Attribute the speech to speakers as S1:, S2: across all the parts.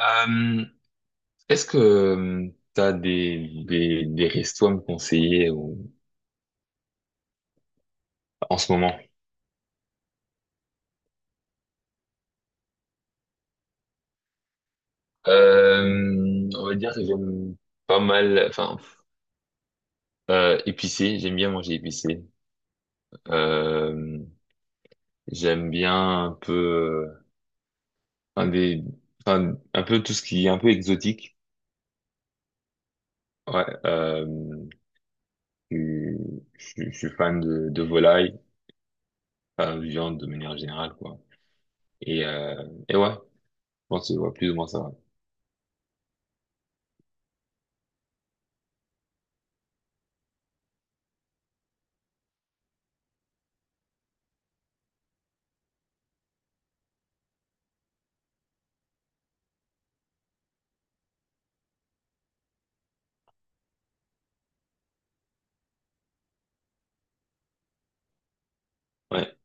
S1: Euh, Est-ce que tu as des restos à me conseiller en ce moment? On va dire que j'aime pas mal, épicé, j'aime bien manger épicé. Euh, J'aime bien un peu, enfin, des, enfin, un peu tout ce qui est un peu exotique. Ouais, je, je suis fan de volaille, enfin, de viande de manière générale, quoi. Et ouais. On c'est voit plus ou moins ça va. Ouais.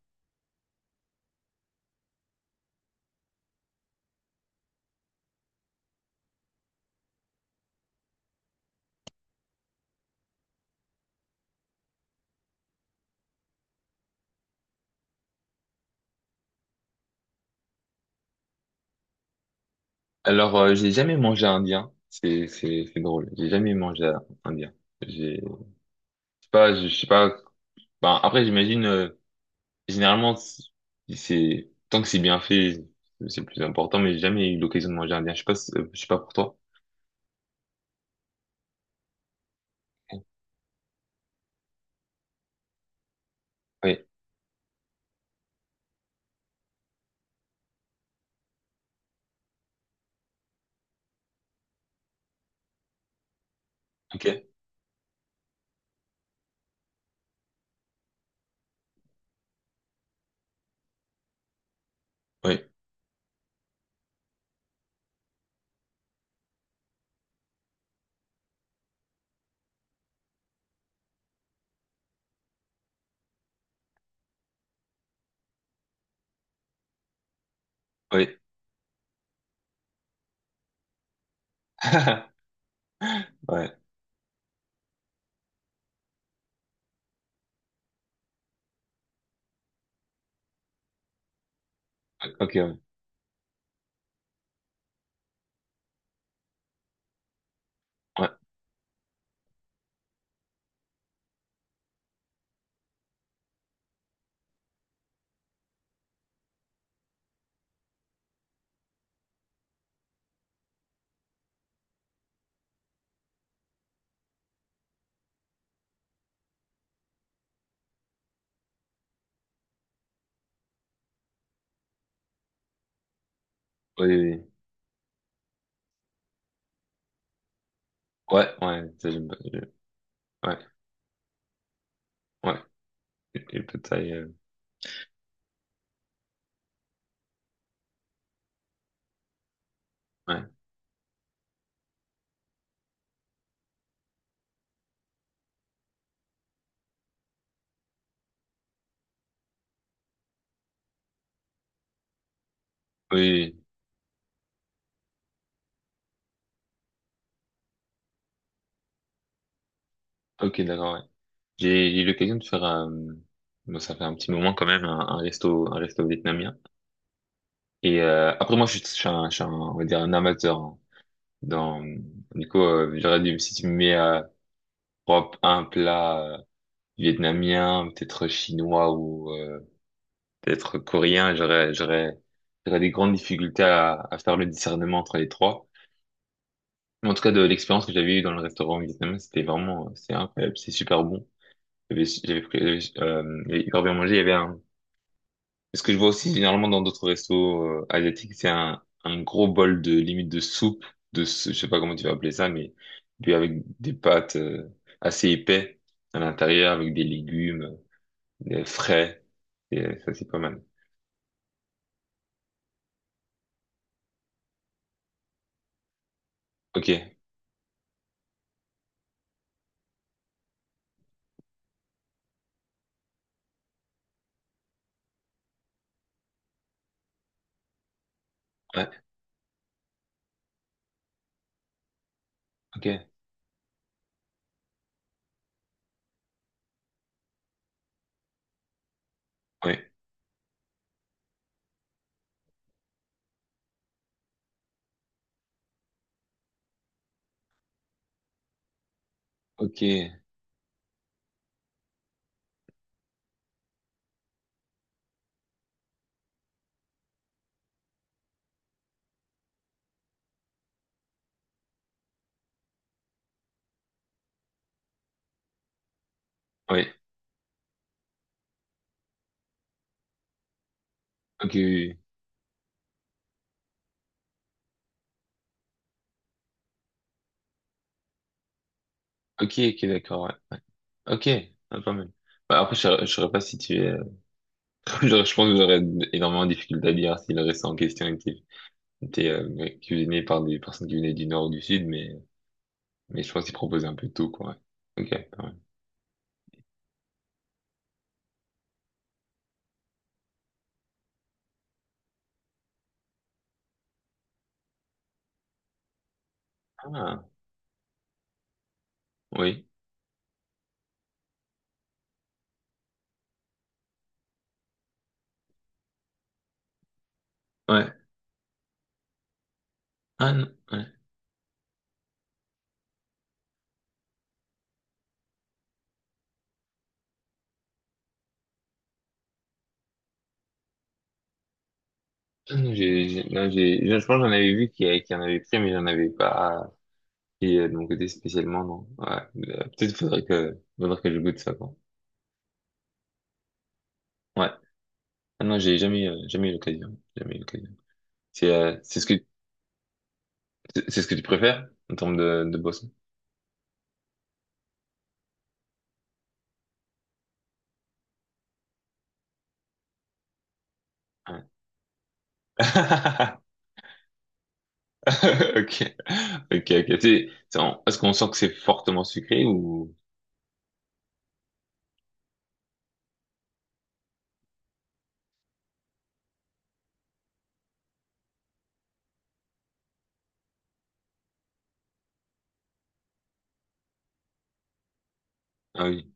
S1: Alors, j'ai jamais mangé indien. C'est drôle. J'ai jamais mangé indien. Je sais pas, je sais pas. Ben, après, j'imagine, généralement, c'est- tant que c'est bien fait, c'est le plus important, mais j'ai jamais eu l'occasion de manger indien. Je sais pas, je sais pas pour toi. Oui. Ok. Oui. Oui. Ouais. Ok. Ouais. Ouais. Oui, oui, oui. Ouais. Ouais. Ça, j'aime pas. Je- Ouais. Ouais. Les Pad Thai, ouais. Oui, oui. Oui, ok, d'accord, ouais. J'ai eu l'occasion de faire, bon, ça fait un petit moment quand même, un resto vietnamien. Et après, je suis un, je suis on va dire un amateur, hein. Dans, du coup, j'aurais dit, si tu me mets à propre un plat vietnamien, peut-être chinois ou peut-être coréen, j'aurais des grandes difficultés à faire le discernement entre les trois. Mais en tout cas, de l'expérience que j'avais eue dans le restaurant vietnamien, c'était vraiment, c'est incroyable, c'est super bon. J'avais pris, j'avais hyper bien mangé. Il y avait un, ce que je vois aussi généralement dans d'autres restos asiatiques, c'est un gros bol de limite de soupe, ce- je sais pas comment tu vas appeler ça, mais puis avec des pâtes assez épais à l'intérieur, avec des légumes, des frais. Et ça, c'est pas mal. Ok. Ouais. Ok. Ouais. Ok. Ouais. Ok. Oui, oui. Oui. Ok. Ok. D'accord. Ouais. Ok. Ah, pas mal. Bah, après, je saurais pas si tu es, je, pense que j'aurais énormément de difficultés à dire s'il le reste en question était C'était ouais, cuisiné par des personnes qui venaient du nord ou du sud, mais je pense qu'ils proposaient un peu de tout, quoi. Ouais. Ok, quand même. Ah, oui. Ouais. Ah non. Ouais. Ah non, non, j'ai, je pense que j'en avais vu qui en avait pris, mais j'en avais pas pris de mon côté spécialement, non. Ouais. Peut-être faudrait que je goûte ça, quoi. Ouais. Ah non, j'ai jamais, jamais eu l'occasion. Jamais eu l'occasion. C'est, euh, c'est ce que, c'est ce que tu préfères en termes de boisson? Ouais. Ok. Ok, ok. Est-ce qu'on sent que c'est fortement sucré ou... Ah oui.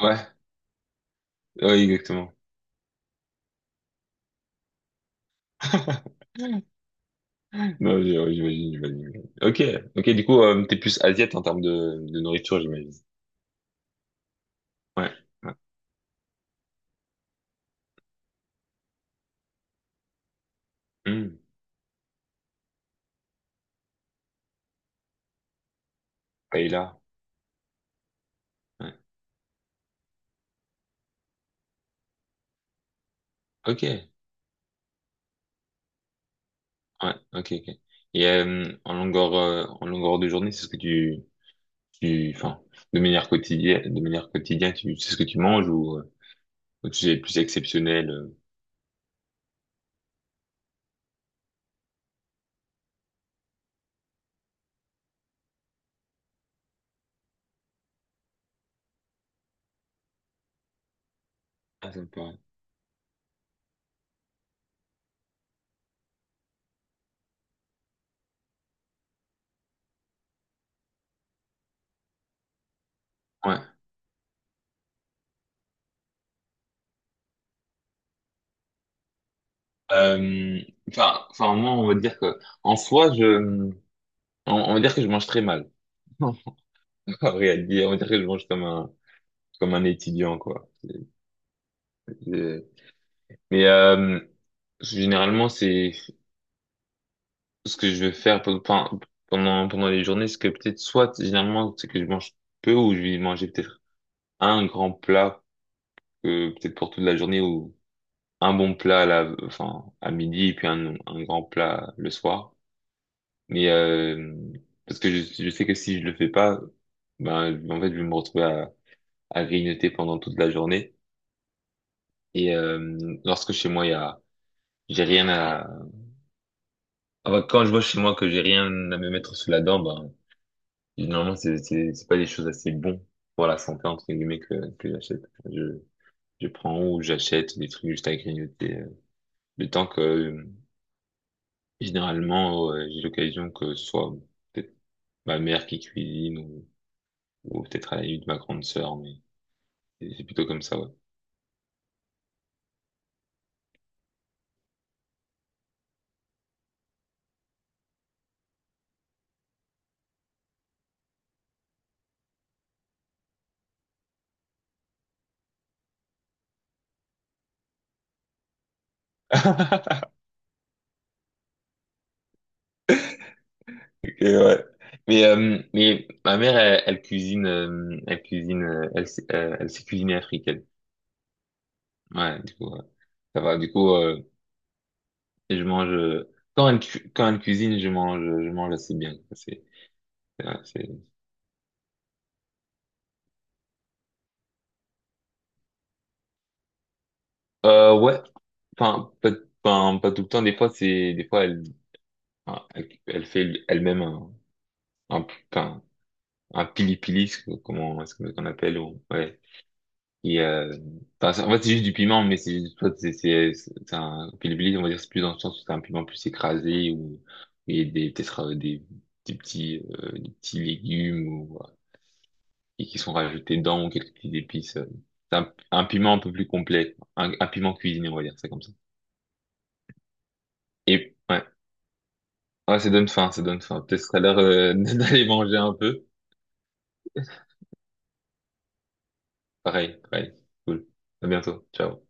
S1: Ouais, ouais, exactement. Non, ouais, j'imagine, j'imagine. Ok, ok. Du coup, t'es plus asiate en termes de nourriture, j'imagine. Ouais, ouais. Hmm. Paella. Ouais. Ok. Ouais. Ok, ok. Et en longueur de journée, c'est ce que enfin, de manière quotidienne, c'est ce que tu manges ou tu es plus exceptionnel. Ah, ça me paraît. Euh, enfin, moi, on va dire que, en soi, on va dire que je mange très mal. En réalité, on va dire que je mange comme un étudiant, quoi. C'est- Mais généralement, c'est ce que je vais faire pendant les journées, c'est que peut-être soit, généralement, c'est que je mange peu ou je vais manger peut-être un grand plat, peut-être pour toute la journée ou un bon plat à la, enfin, à midi et puis un grand plat le soir. Mais parce que je sais que si je le fais pas, ben en fait je vais me retrouver à grignoter pendant toute la journée. Et lorsque chez moi il y a, j'ai rien à. Enfin, quand je vois chez moi que j'ai rien à me mettre sous la dent, ben normalement c'est c'est pas des choses assez bon pour la santé entre guillemets que j'achète. Je je prends ou j'achète des trucs juste à grignoter. Le temps que généralement j'ai l'occasion que ce soit peut-être ma mère qui cuisine ou peut-être à la limite ma grande sœur, mais c'est plutôt comme ça, ouais. Ok, ouais. Mais ma mère, elle cuisine, elle cuisine, elle sait cuisiner africaine. Ouais, du coup, ouais, ça va. Du coup, je mange, quand quand elle cuisine, je mange assez bien. C'est, c'est- ouais. Enfin, pas, enfin, pas tout le temps. Des fois, des fois, enfin, elle fait elle-même un, un, enfin, un pili-pili, comment qu'on appelle, ou, ouais. Et c'est- en fait, c'est juste du piment, mais c'est juste, soit c'est c'est un pili pili, on va dire, c'est plus dans le sens où c'est un piment plus écrasé ou et des peut-être des petits légumes ou et qui sont rajoutés dedans ou quelques petites épices. C'est un piment un peu plus complet, un piment cuisiné, on va dire, c'est comme ça. Et ouais, ouais, ça donne faim, ça donne faim. Peut-être que ça a l'air d'aller manger un peu. Pareil, pareil. Cool. À bientôt. Ciao.